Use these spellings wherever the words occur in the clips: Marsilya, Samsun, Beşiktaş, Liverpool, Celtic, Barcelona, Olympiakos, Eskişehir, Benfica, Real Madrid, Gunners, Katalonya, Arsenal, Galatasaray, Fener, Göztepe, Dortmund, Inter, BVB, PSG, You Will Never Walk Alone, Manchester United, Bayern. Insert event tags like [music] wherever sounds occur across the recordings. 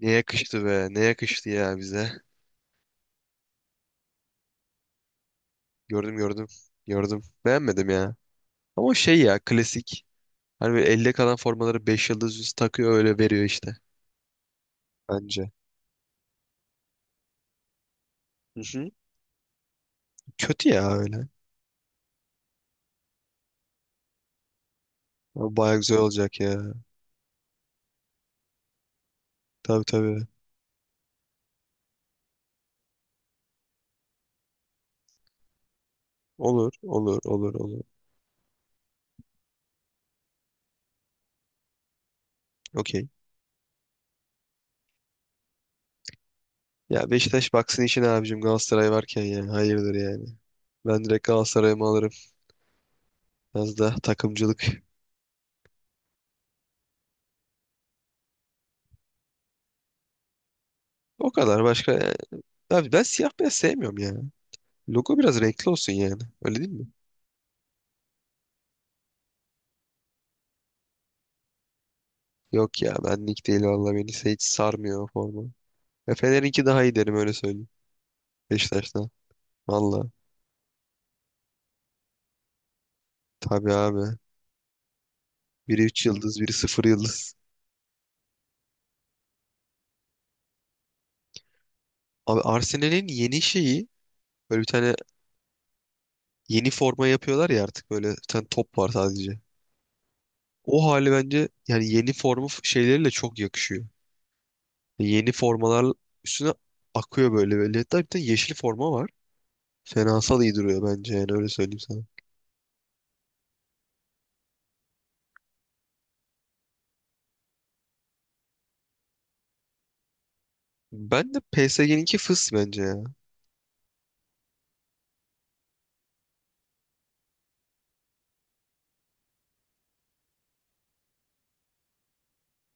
Ne yakıştı be. Ne yakıştı ya bize. Gördüm. Gördüm. Beğenmedim ya. Ama şey ya klasik. Hani böyle elde kalan formaları 5 yıldız üstü takıyor öyle veriyor işte. Bence. Hı hı. Kötü ya öyle. Ama baya güzel olacak ya. Tabii tabii. Olur olur olur olur. Okey. Ya Beşiktaş baksın işine abicim Galatasaray varken ya. Hayırdır yani. Ben direkt Galatasaray'ımı alırım. Biraz da takımcılık. O kadar başka yani. Abi ben siyah beyaz sevmiyorum ya. Logo biraz renkli olsun yani. Öyle değil mi? Yok ya benlik değil valla hiç sarmıyor o forma. Ya Fener'inki daha iyi derim öyle söyleyeyim. Beşiktaş'tan. Valla. Tabii abi. Biri 3 yıldız, biri sıfır yıldız. Abi Arsenal'in yeni şeyi böyle bir tane yeni forma yapıyorlar ya artık böyle bir tane top var sadece. O hali bence yani yeni formu şeyleriyle çok yakışıyor. Yeni formalar üstüne akıyor böyle böyle. Hatta bir tane yeşil forma var. Fenasal iyi duruyor bence yani öyle söyleyeyim sana. Ben de PSG'ninki fıs bence ya.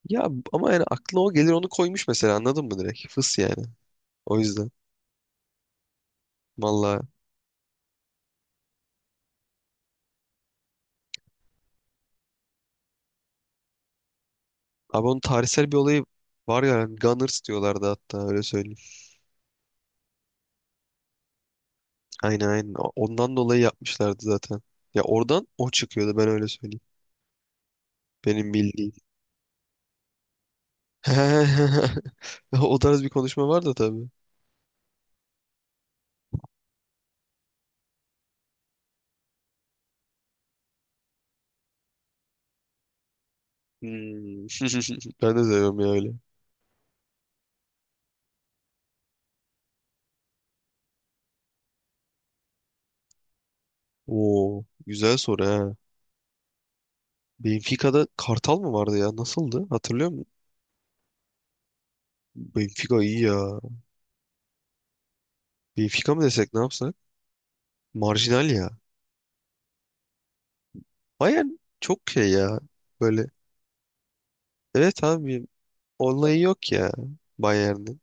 Ya ama yani aklına o gelir onu koymuş mesela anladın mı direkt? Fıs yani. O yüzden. Vallahi. Abi onun tarihsel bir olayı var ya yani Gunners diyorlardı hatta öyle söyleyeyim. Aynen aynen. Ondan dolayı yapmışlardı zaten. Ya oradan o çıkıyordu ben öyle söyleyeyim. Benim bildiğim. [laughs] O tarz bir konuşma var da tabii. Hmm. [laughs] Ben de seviyorum ya öyle. Oo, güzel soru ha. Benfica'da Kartal mı vardı ya? Nasıldı? Hatırlıyor musun? Benfica iyi ya. Benfica mı desek ne yapsak? Marjinal ya. Bayern çok şey ya. Böyle evet abi olayı yok ya Bayern'in.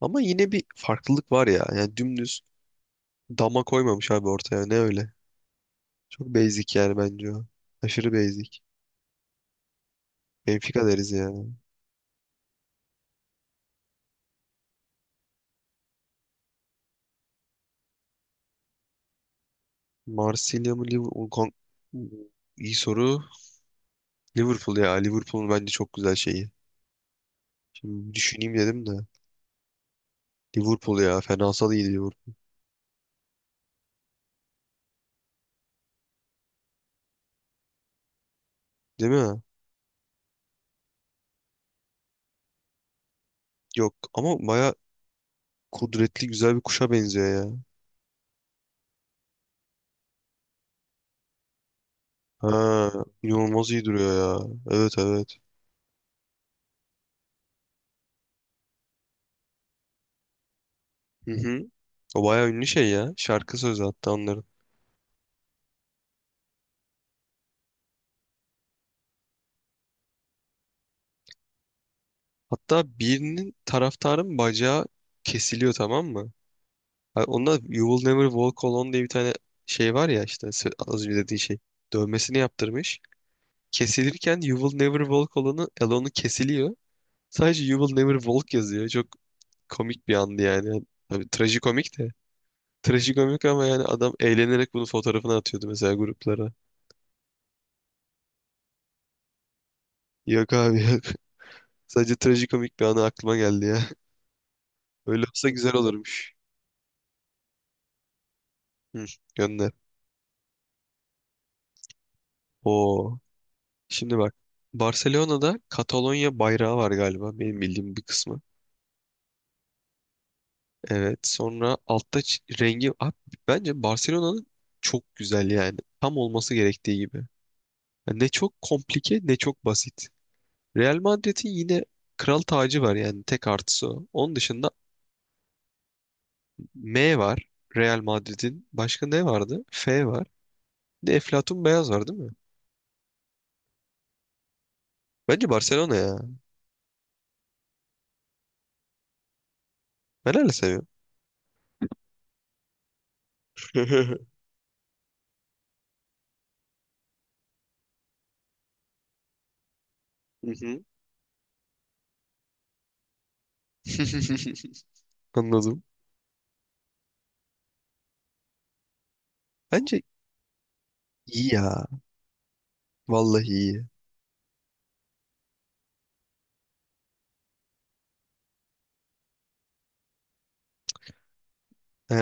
Ama yine bir farklılık var ya. Yani dümdüz dama koymamış abi ortaya. Ne öyle? Çok basic yani bence o. Aşırı basic. Benfica deriz ya. Marsilya mı Liverpool? İyi soru. Liverpool ya. Liverpool'un bence çok güzel şeyi. Şimdi düşüneyim dedim de. Liverpool ya. Fenasal iyi Liverpool. Değil mi? Yok ama baya kudretli güzel bir kuşa benziyor. Ha, inanılmaz iyi duruyor ya. Evet evet. Hı hı. O bayağı ünlü şey ya. Şarkı sözü hatta onların. Hatta birinin taraftarın bacağı kesiliyor tamam mı? Ha, onda You Will Never Walk Alone diye bir tane şey var ya işte az önce dediğin şey. Dövmesini yaptırmış. Kesilirken You Will Never Walk Alone'u kesiliyor. Sadece You Will Never Walk yazıyor. Çok komik bir andı yani. Tabii trajikomik de. Trajikomik ama yani adam eğlenerek bunu fotoğrafına atıyordu mesela gruplara. Yok abi. [laughs] Sadece trajikomik bir anı aklıma geldi ya. [laughs] Öyle olsa güzel olurmuş. Hı, gönder. Oo. Şimdi bak. Barcelona'da Katalonya bayrağı var galiba. Benim bildiğim bir kısmı. Evet. Sonra altta rengi... Abi, bence Barcelona'nın çok güzel yani. Tam olması gerektiği gibi. Yani ne çok komplike ne çok basit. Real Madrid'in yine kral tacı var yani. Tek artısı o. Onun dışında M var. Real Madrid'in. Başka ne vardı? F var. Bir de Eflatun Beyaz var değil mi? Bence Barcelona ya. Ben öyle seviyorum. [laughs] Hı hı. [laughs] Anladım. Bence iyi ya. Vallahi iyi. He.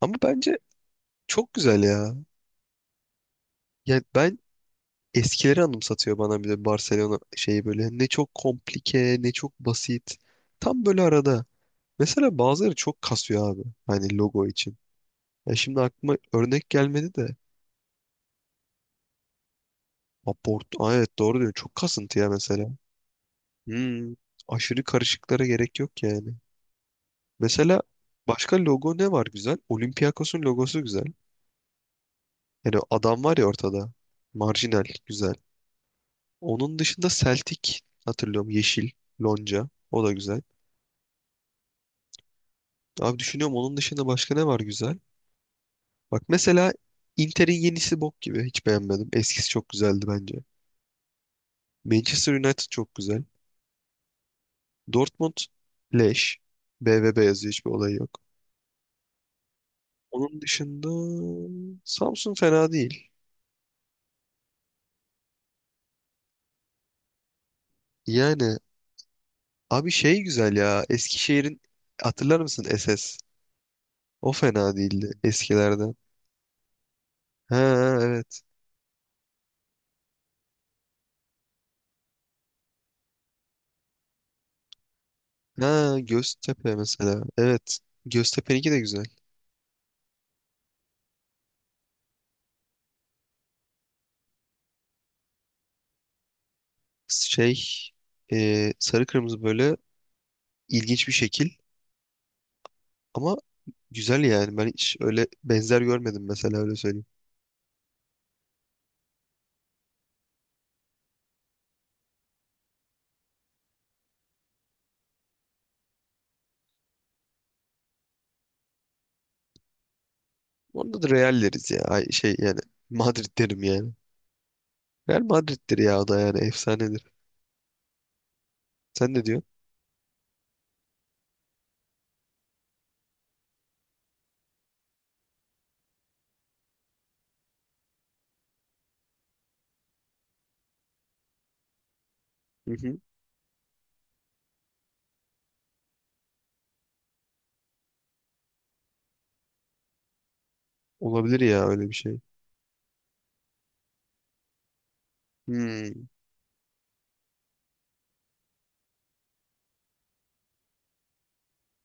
Ama bence çok güzel ya. Yani ben eskileri anımsatıyor bana bir de Barcelona şeyi böyle. Ne çok komplike, ne çok basit. Tam böyle arada. Mesela bazıları çok kasıyor abi. Hani logo için. Ya şimdi aklıma örnek gelmedi de. Aport. Aa, evet doğru diyorsun. Çok kasıntı ya mesela. Hmm. Aşırı karışıklara gerek yok yani. Mesela başka logo ne var güzel? Olympiakos'un logosu güzel. Yani o adam var ya ortada. Marjinal güzel. Onun dışında Celtic hatırlıyorum yeşil lonca. O da güzel. Abi düşünüyorum onun dışında başka ne var güzel? Bak mesela Inter'in yenisi bok gibi. Hiç beğenmedim. Eskisi çok güzeldi bence. Manchester United çok güzel. Dortmund leş. BVB yazıyor hiçbir olayı yok. Onun dışında Samsun fena değil. Yani abi şey güzel ya. Eskişehir'in hatırlar mısın SS? O fena değildi eskilerden. Ha ha, evet. Ha Göztepe mesela. Evet. Göztepe'ninki de güzel. Şey sarı kırmızı böyle ilginç bir şekil ama güzel yani. Ben hiç öyle benzer görmedim mesela öyle söyleyeyim. Onda da Real deriz ya. Ay, şey yani Madrid derim yani. Real Madrid'dir ya o da yani efsanedir. Sen ne diyorsun? Hı hı. Olabilir ya öyle bir şey. Hmm,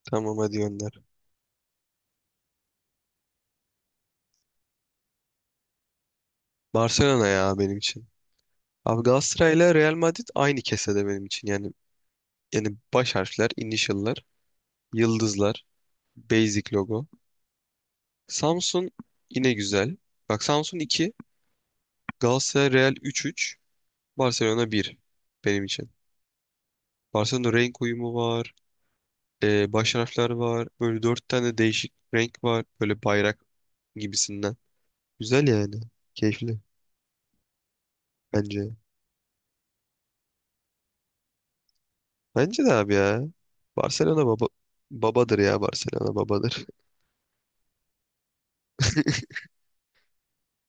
tamam hadi gönder. Barcelona ya benim için. Abi Galatasaray ile Real Madrid aynı kesede benim için. Yani baş harfler, initial'lar, yıldızlar, basic logo. Samsun yine güzel. Bak Samsun 2, Galatasaray Real üç üç, Barcelona bir. Benim için. Barcelona renk uyumu var, baş harfler var, böyle 4 tane değişik renk var, böyle bayrak gibisinden. Güzel yani, keyifli bence. Bence de abi ya. Barcelona baba babadır ya Barcelona babadır.